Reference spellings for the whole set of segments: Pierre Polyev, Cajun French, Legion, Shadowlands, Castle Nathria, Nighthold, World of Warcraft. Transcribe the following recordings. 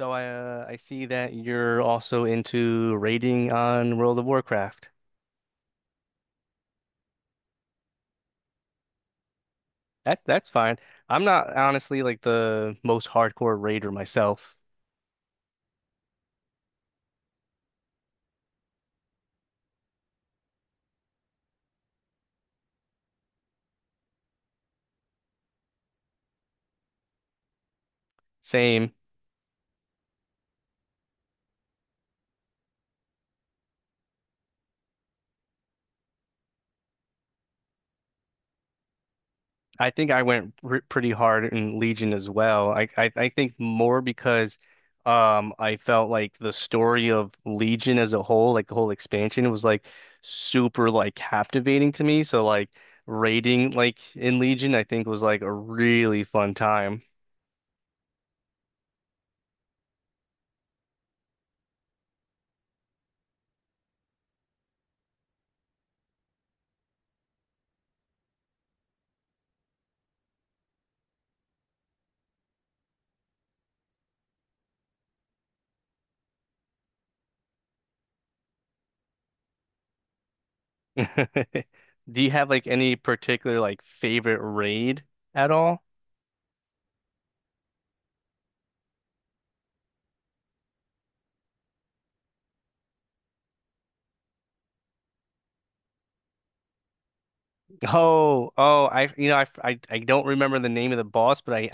So I see that you're also into raiding on World of Warcraft. That's fine. I'm not honestly like the most hardcore raider myself. Same. I think I went r pretty hard in Legion as well. I think more because I felt like the story of Legion as a whole, like the whole expansion, was like super like captivating to me. So like raiding like in Legion, I think was like a really fun time. Do you have like any particular like favorite raid at all? Oh, I I don't remember the name of the boss, but I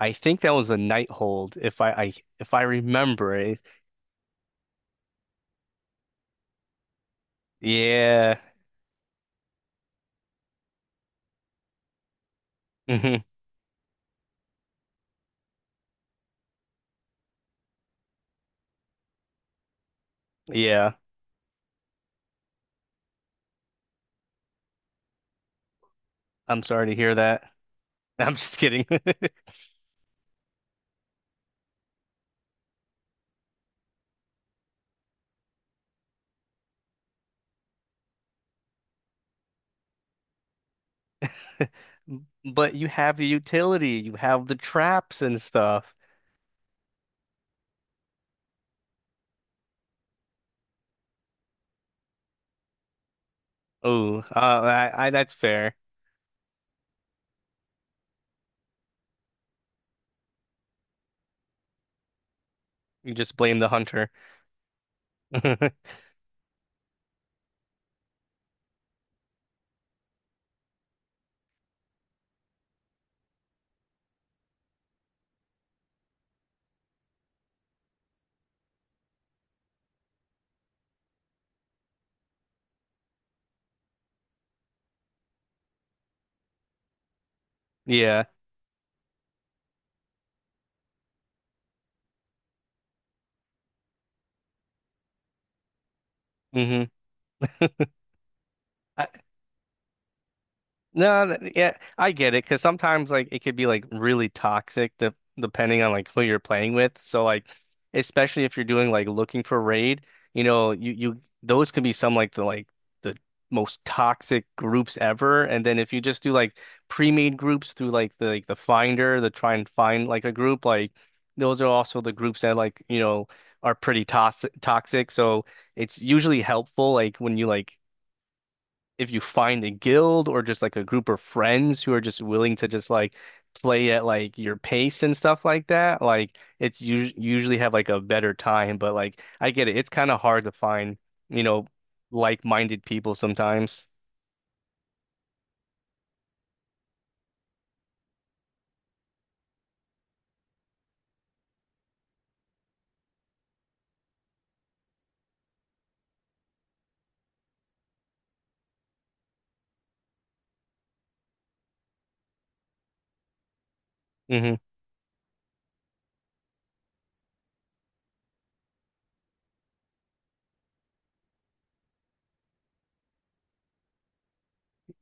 I think that was the Nighthold if I remember it. Yeah. Hmm. Yeah. I'm sorry to hear that. I'm just kidding. But you have the utility, you have the traps and stuff. Oh, I that's fair. You just blame the hunter. Yeah. Hmm. No, th- yeah, I get it because sometimes like it could be like really toxic de depending on like who you're playing with. So like, especially if you're doing like looking for raid, you know, you those can be some like the most toxic groups ever. And then if you just do like pre-made groups through like the finder, the try and find like a group, like those are also the groups that like you know are pretty toxic. So it's usually helpful like when you like if you find a guild or just like a group of friends who are just willing to just like play at like your pace and stuff like that, like it's us usually have like a better time. But like I get it, it's kind of hard to find, you know, like-minded people sometimes. Hmm.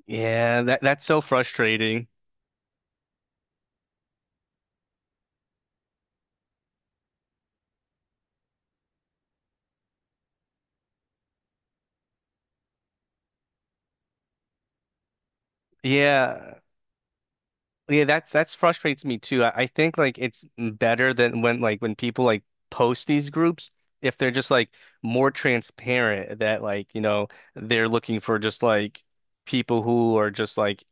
Yeah, that's so frustrating. Yeah, Yeah, that's frustrates me too. I think like it's better than when like when people like post these groups if they're just like more transparent that like you know they're looking for just like people who are just like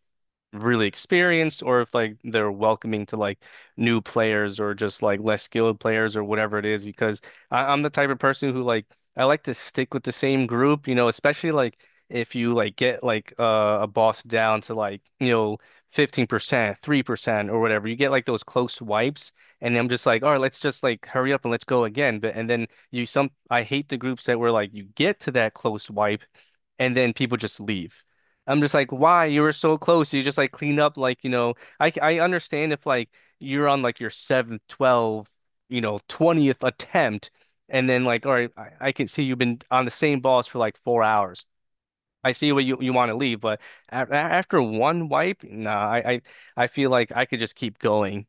really experienced or if like they're welcoming to like new players or just like less skilled players or whatever it is because I'm the type of person who like I like to stick with the same group, you know, especially like if you like get like a boss down to like, you know, 15%, 3% or whatever. You get like those close wipes and I'm just like, "All right, let's just like hurry up and let's go again." But and then you some I hate the groups that were like you get to that close wipe and then people just leave. I'm just like, why? You were so close. You just like clean up, like you know. I understand if like you're on like your seventh, twelve, you know, twentieth attempt, and then like, all right, I can see you've been on the same balls for like 4 hours. I see what you want to leave, but after one wipe, nah, I feel like I could just keep going.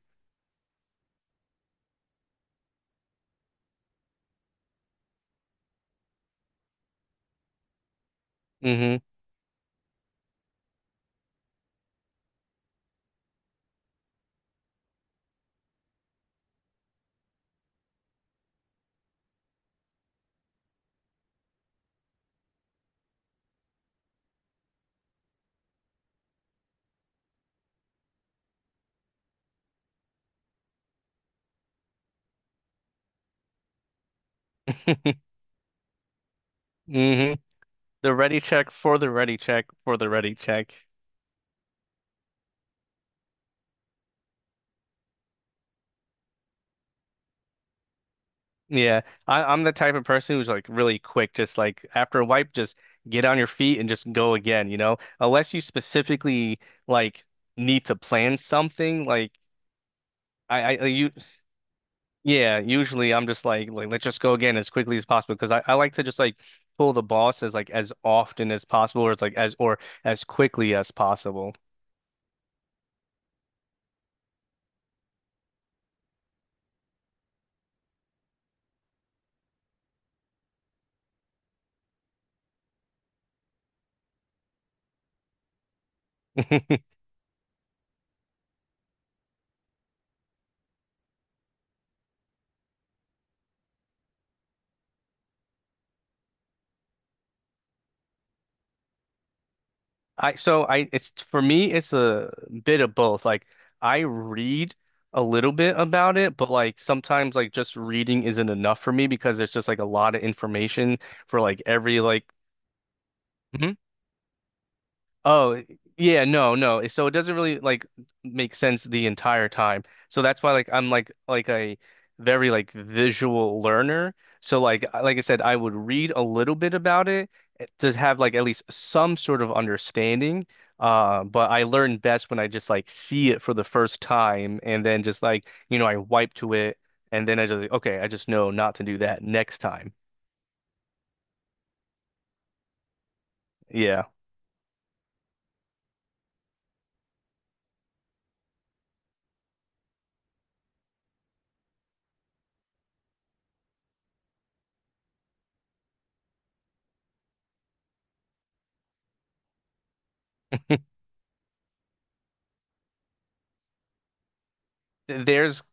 Hmm. hmm. The ready check for the ready check for the ready check. Yeah, I'm the type of person who's like really quick, just like after a wipe, just get on your feet and just go again, you know? Unless you specifically like need to plan something, like I, I you, yeah, usually I'm just like let's just go again as quickly as possible because I like to just like pull the boss as like as often as possible or it's like as or as quickly as possible. I so I it's for me it's a bit of both. Like I read a little bit about it, but like sometimes like just reading isn't enough for me because there's just like a lot of information for like every like. Mhm. Oh, eh, yeah, So it doesn't really like make sense the entire time. So that's why like I'm like a very like visual learner. So like like I said, I would read a little bit about it to have like at least some sort of understanding. But I learn best when I just like see it for the first time and then just like, you know, I wipe to it and then I just like, okay, I just know not to do that next time. Yeah. There's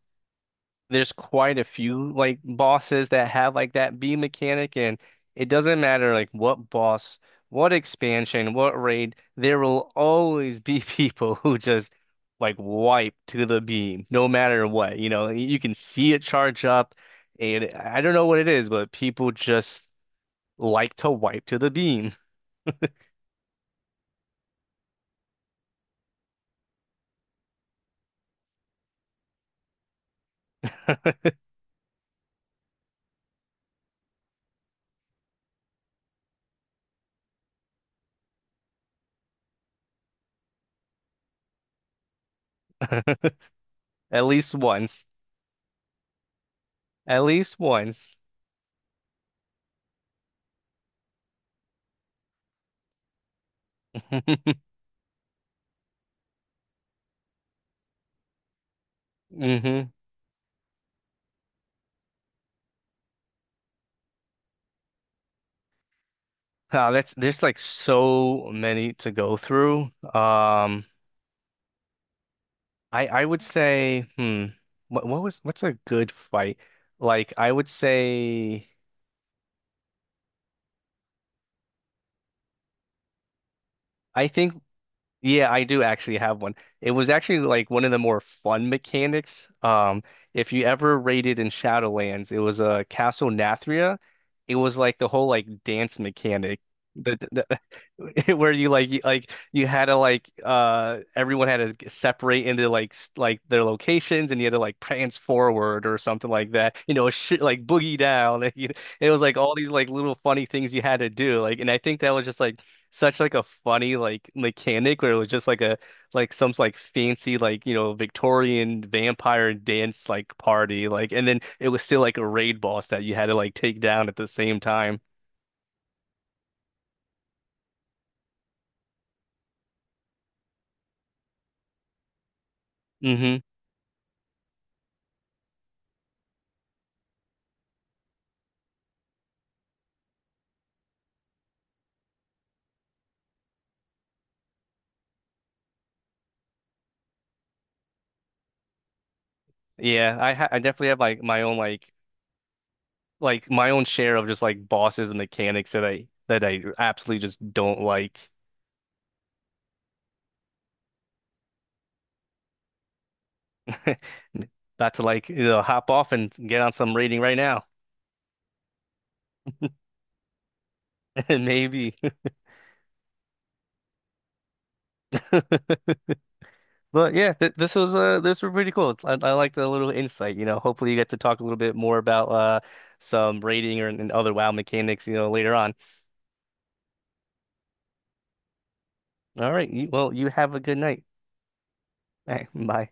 there's quite a few like bosses that have like that B mechanic, and it doesn't matter like what boss, what expansion, what raid, there will always be people who just like wipe to the beam, no matter what. You know, you can see it charge up, and I don't know what it is, but people just like to wipe to the beam. At least once. At least once. hmm. Wow, that's there's like so many to go through. I would say, hmm, what's a good fight? Like I would say, I think. Yeah, I do actually have one. It was actually like one of the more fun mechanics. If you ever raided in Shadowlands, it was a Castle Nathria. It was like the whole like dance mechanic, the where like you had to like everyone had to separate into like like their locations and you had to like prance forward or something like that. You know, shit like boogie down. you know, it was like all these like little funny things you had to do. Like, and I think that was just like such like a funny like mechanic where it was just like a like some like fancy like you know Victorian vampire dance like party like and then it was still like a raid boss that you had to like take down at the same time. Hmm. Yeah, I definitely have like my own share of just like bosses and mechanics that I absolutely just don't like. About to like you know, hop off and get on some raiding right now. Maybe. But yeah, th this was pretty cool. I like the little insight, you know. Hopefully you get to talk a little bit more about some rating or and other WoW mechanics, you know, later on. All right, well, you have a good night. All right, bye.